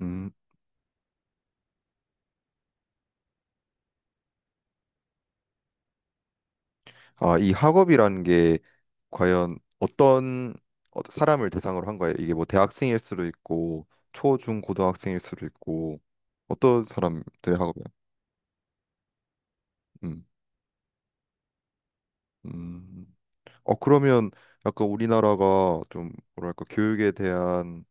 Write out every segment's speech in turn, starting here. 음. 아, 이 학업이라는 게 과연 어떤 사람을 대상으로 한 거예요? 이게 뭐 대학생일 수도 있고 초, 중, 고등학생일 수도 있고 어떤 사람들의 학업이야? 음. 음. 어, 그러면 약간 우리나라가 좀 뭐랄까 교육에 대한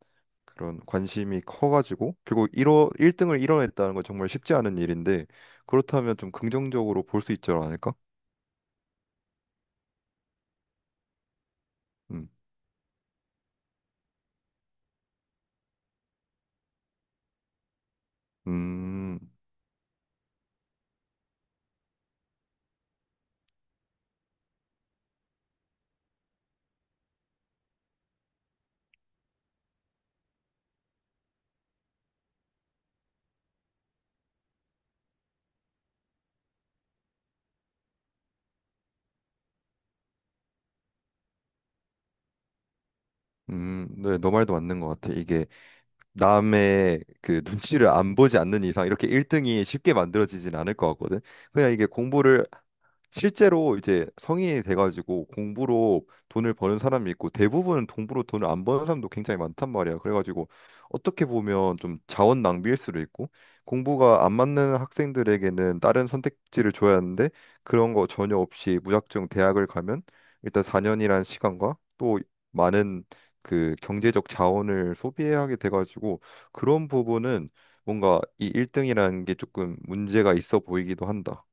그런 관심이 커가지고 결국 일어 1등을 이뤄냈다는 건 정말 쉽지 않은 일인데, 그렇다면 좀 긍정적으로 볼 수 있지 않을까? 음. 음. 음. 네, 너 말도 맞는 것 같아. 이게 남의 그 눈치를 안 보지 않는 이상 이렇게 1등이 쉽게 만들어지진 않을 것 같거든. 그냥 이게 공부를, 실제로 이제 성인이 돼가지고 공부로 돈을 버는 사람이 있고 대부분 공부로 돈을 안 버는 사람도 굉장히 많단 말이야. 그래가지고 어떻게 보면 좀 자원 낭비일 수도 있고, 공부가 안 맞는 학생들에게는 다른 선택지를 줘야 하는데 그런 거 전혀 없이 무작정 대학을 가면 일단 4년이란 시간과 또 많은 그 경제적 자원을 소비해야 하게 돼가지고, 그런 부분은 뭔가 이 1등이라는 게 조금 문제가 있어 보이기도 한다.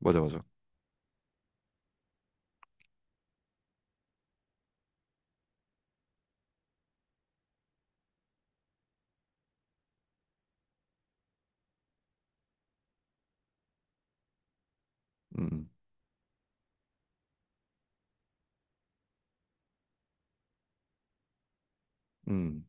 맞아, 맞아. 음. 음. 음.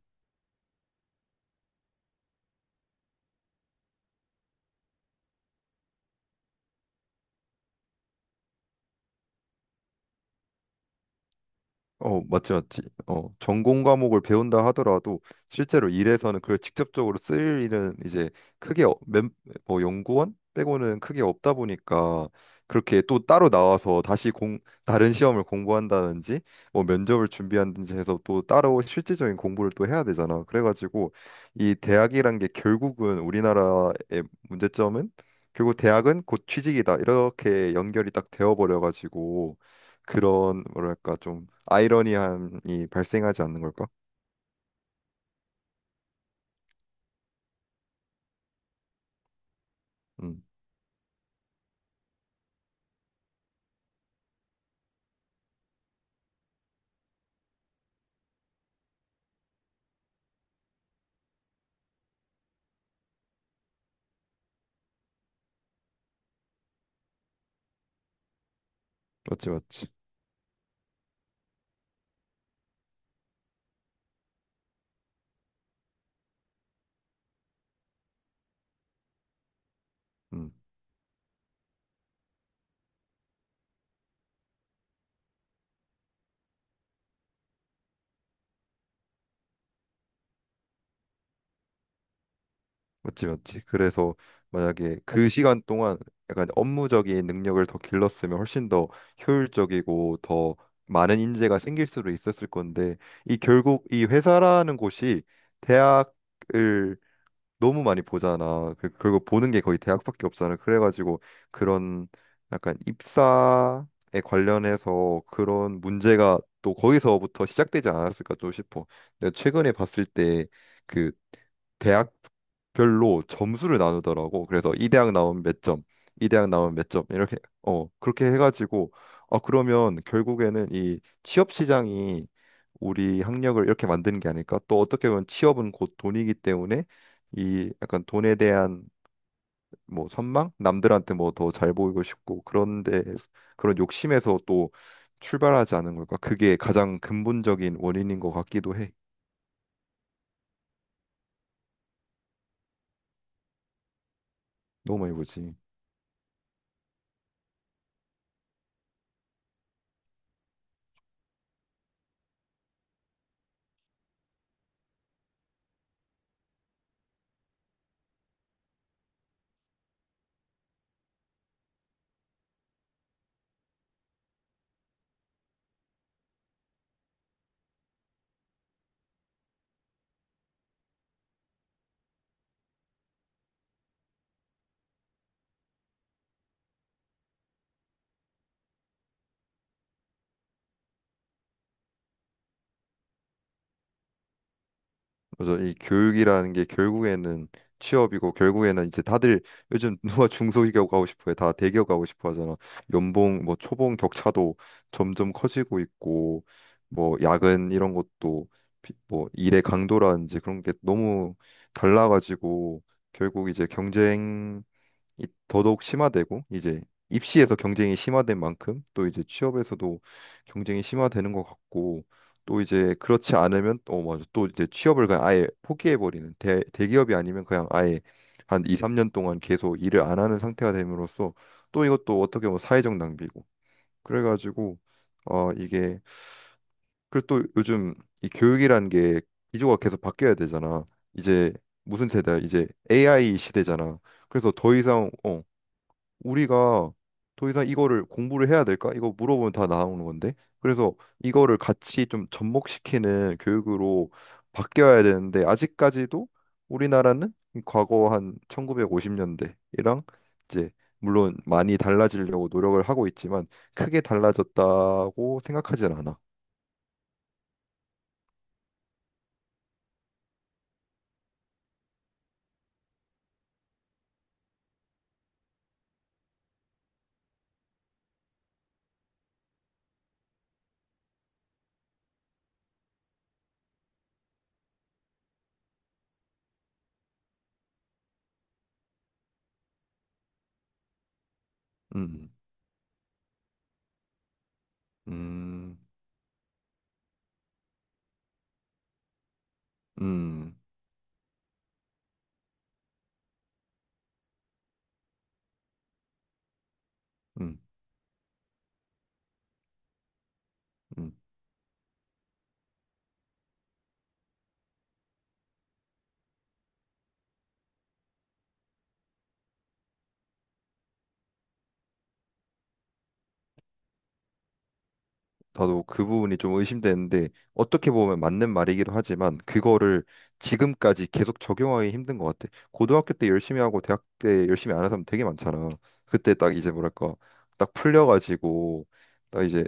어, 맞지, 맞지. 어, 전공 과목을 배운다 하더라도 실제로 일에서는 그걸 직접적으로 쓸 일은 이제 크게 뭐 연구원 빼고는 크게 없다 보니까, 그렇게 또 따로 나와서 다시 다른 시험을 공부한다든지 뭐 면접을 준비한다든지 해서 또 따로 실질적인 공부를 또 해야 되잖아. 그래가지고 이 대학이란 게 결국은, 우리나라의 문제점은 결국 대학은 곧 취직이다, 이렇게 연결이 딱 되어버려가지고 그런 뭐랄까 좀 아이러니함이 발생하지 않는 걸까? 음, 맞지, 맞지. 음, 맞지, 맞지. 그래서 만약에 그 시간 동안 약간 업무적인 능력을 더 길렀으면 훨씬 더 효율적이고 더 많은 인재가 생길 수도 있었을 건데, 이 결국 이 회사라는 곳이 대학을 너무 많이 보잖아. 그리고 보는 게 거의 대학밖에 없잖아. 그래가지고 그런 약간 입사에 관련해서 그런 문제가 또 거기서부터 시작되지 않았을까 또 싶어. 내가 최근에 봤을 때 그 대학별로 점수를 나누더라고. 그래서 이 대학 나오면 몇 점, 이 대학 나오면 몇 점, 이렇게, 그렇게 해가지고, 아, 그러면 결국에는 이 취업 시장이 우리 학력을 이렇게 만드는 게 아닐까? 또 어떻게 보면 취업은 곧 돈이기 때문에 이 약간 돈에 대한 뭐 선망? 남들한테 뭐 더 잘 보이고 싶고 그런데, 그런 욕심에서 또 출발하지 않은 걸까? 그게 가장 근본적인 원인인 것 같기도 해. 너무 많이 보지. 그래서 이 교육이라는 게 결국에는 취업이고, 결국에는 이제 다들 요즘 누가 중소기업 가고 싶어해, 다 대기업 가고 싶어 하잖아. 연봉 뭐 초봉 격차도 점점 커지고 있고, 뭐 야근 이런 것도 뭐 일의 강도라든지 그런 게 너무 달라가지고, 결국 이제 경쟁 더더욱 심화되고, 이제 입시에서 경쟁이 심화된 만큼 또 이제 취업에서도 경쟁이 심화되는 것 같고, 또 이제 그렇지 않으면 또 맞아 또 이제 취업을 그냥 아예 포기해버리는, 대기업이 아니면 그냥 아예 한 2, 3년 동안 계속 일을 안 하는 상태가 됨으로써 또 이것도 어떻게 보면 사회적 낭비고. 그래가지고 이게, 그리고 또 요즘 이 교육이라는 게 기조가 계속 바뀌어야 되잖아. 이제 무슨 세대야, 이제 AI 시대잖아. 그래서 더 이상 우리가 더 이상 이거를 공부를 해야 될까? 이거 물어보면 다 나오는 건데. 그래서 이거를 같이 좀 접목시키는 교육으로 바뀌어야 되는데, 아직까지도 우리나라는 과거 한 1950년대이랑 이제, 물론 많이 달라지려고 노력을 하고 있지만 크게 달라졌다고 생각하진 않아. 음. 음. 음. 음. 음. 나도 그 부분이 좀 의심되는데 어떻게 보면 맞는 말이기도 하지만 그거를 지금까지 계속 적용하기 힘든 것 같아. 고등학교 때 열심히 하고 대학 때 열심히 안 한 사람 되게 많잖아. 그때 딱 이제 뭐랄까 딱 풀려가지고 딱 이제,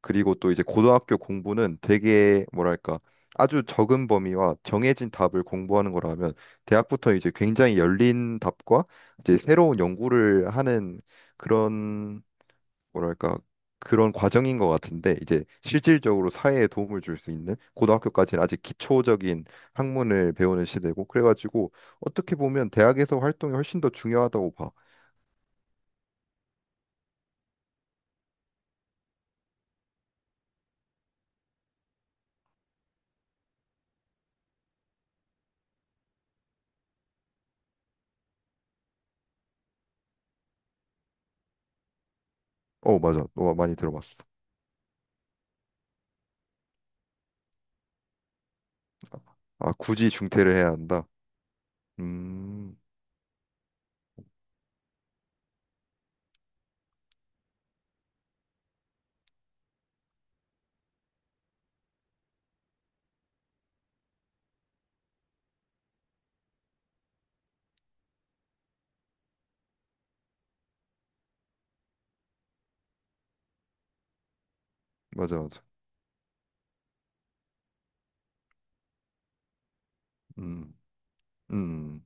그리고 또 이제 고등학교 공부는 되게 뭐랄까 아주 적은 범위와 정해진 답을 공부하는 거라면 대학부터 이제 굉장히 열린 답과 이제 새로운 연구를 하는 뭐랄까 그런 과정인 것 같은데, 이제 실질적으로 사회에 도움을 줄 수 있는, 고등학교까지는 아직 기초적인 학문을 배우는 시대고 그래가지고 어떻게 보면 대학에서 활동이 훨씬 더 중요하다고 봐. 어, 맞아, 너가 많이 들어봤어. 아, 굳이 중퇴를 해야 한다. 음, 맞아, 맞아. 음. 음.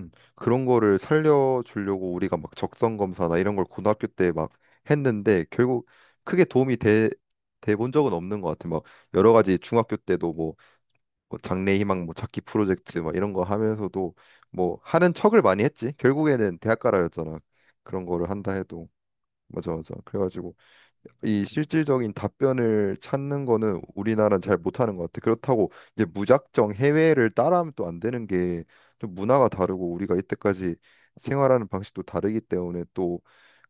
음. 그런 거를 살려주려고 우리가 막 적성 검사나 이런 걸 고등학교 때 막 했는데, 결국 크게 도움이 돼 본 적은 없는 것 같아. 막 여러 가지, 중학교 때도 뭐 장래희망 뭐 찾기 프로젝트 막 이런 거 하면서도 뭐 하는 척을 많이 했지. 결국에는 대학가라였잖아. 그런 거를 한다 해도, 맞아, 맞아. 그래가지고 이 실질적인 답변을 찾는 거는 우리나라는 잘 못하는 것 같아. 그렇다고 이제 무작정 해외를 따라하면 또 안 되는 게, 좀 문화가 다르고 우리가 이때까지 생활하는 방식도 다르기 때문에,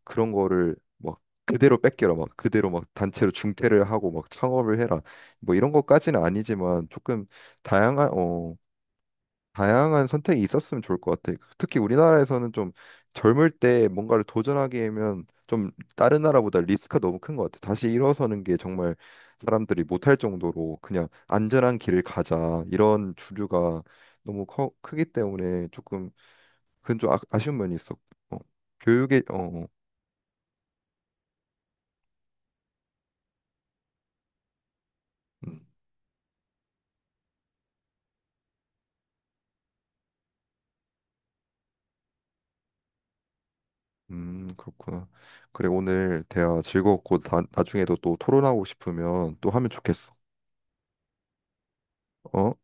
그런 거를 막 그대로 뺏겨라 막 그대로 막 단체로 중퇴를 하고 막 창업을 해라 뭐 이런 것까지는 아니지만, 조금 다양한 어 다양한 선택이 있었으면 좋을 것 같아. 특히 우리나라에서는 좀 젊을 때 뭔가를 도전하기에는 좀 다른 나라보다 리스크가 너무 큰 것 같아. 다시 일어서는 게 정말 사람들이 못할 정도로 그냥 안전한 길을 가자 이런 주류가 너무 크기 때문에, 조금 그건 좀 아쉬운 면이 있었고, 교육에 음. 그렇구나. 그래, 오늘 대화 즐거웠고, 나중에도 또 토론하고 싶으면 또 하면 좋겠어. 어?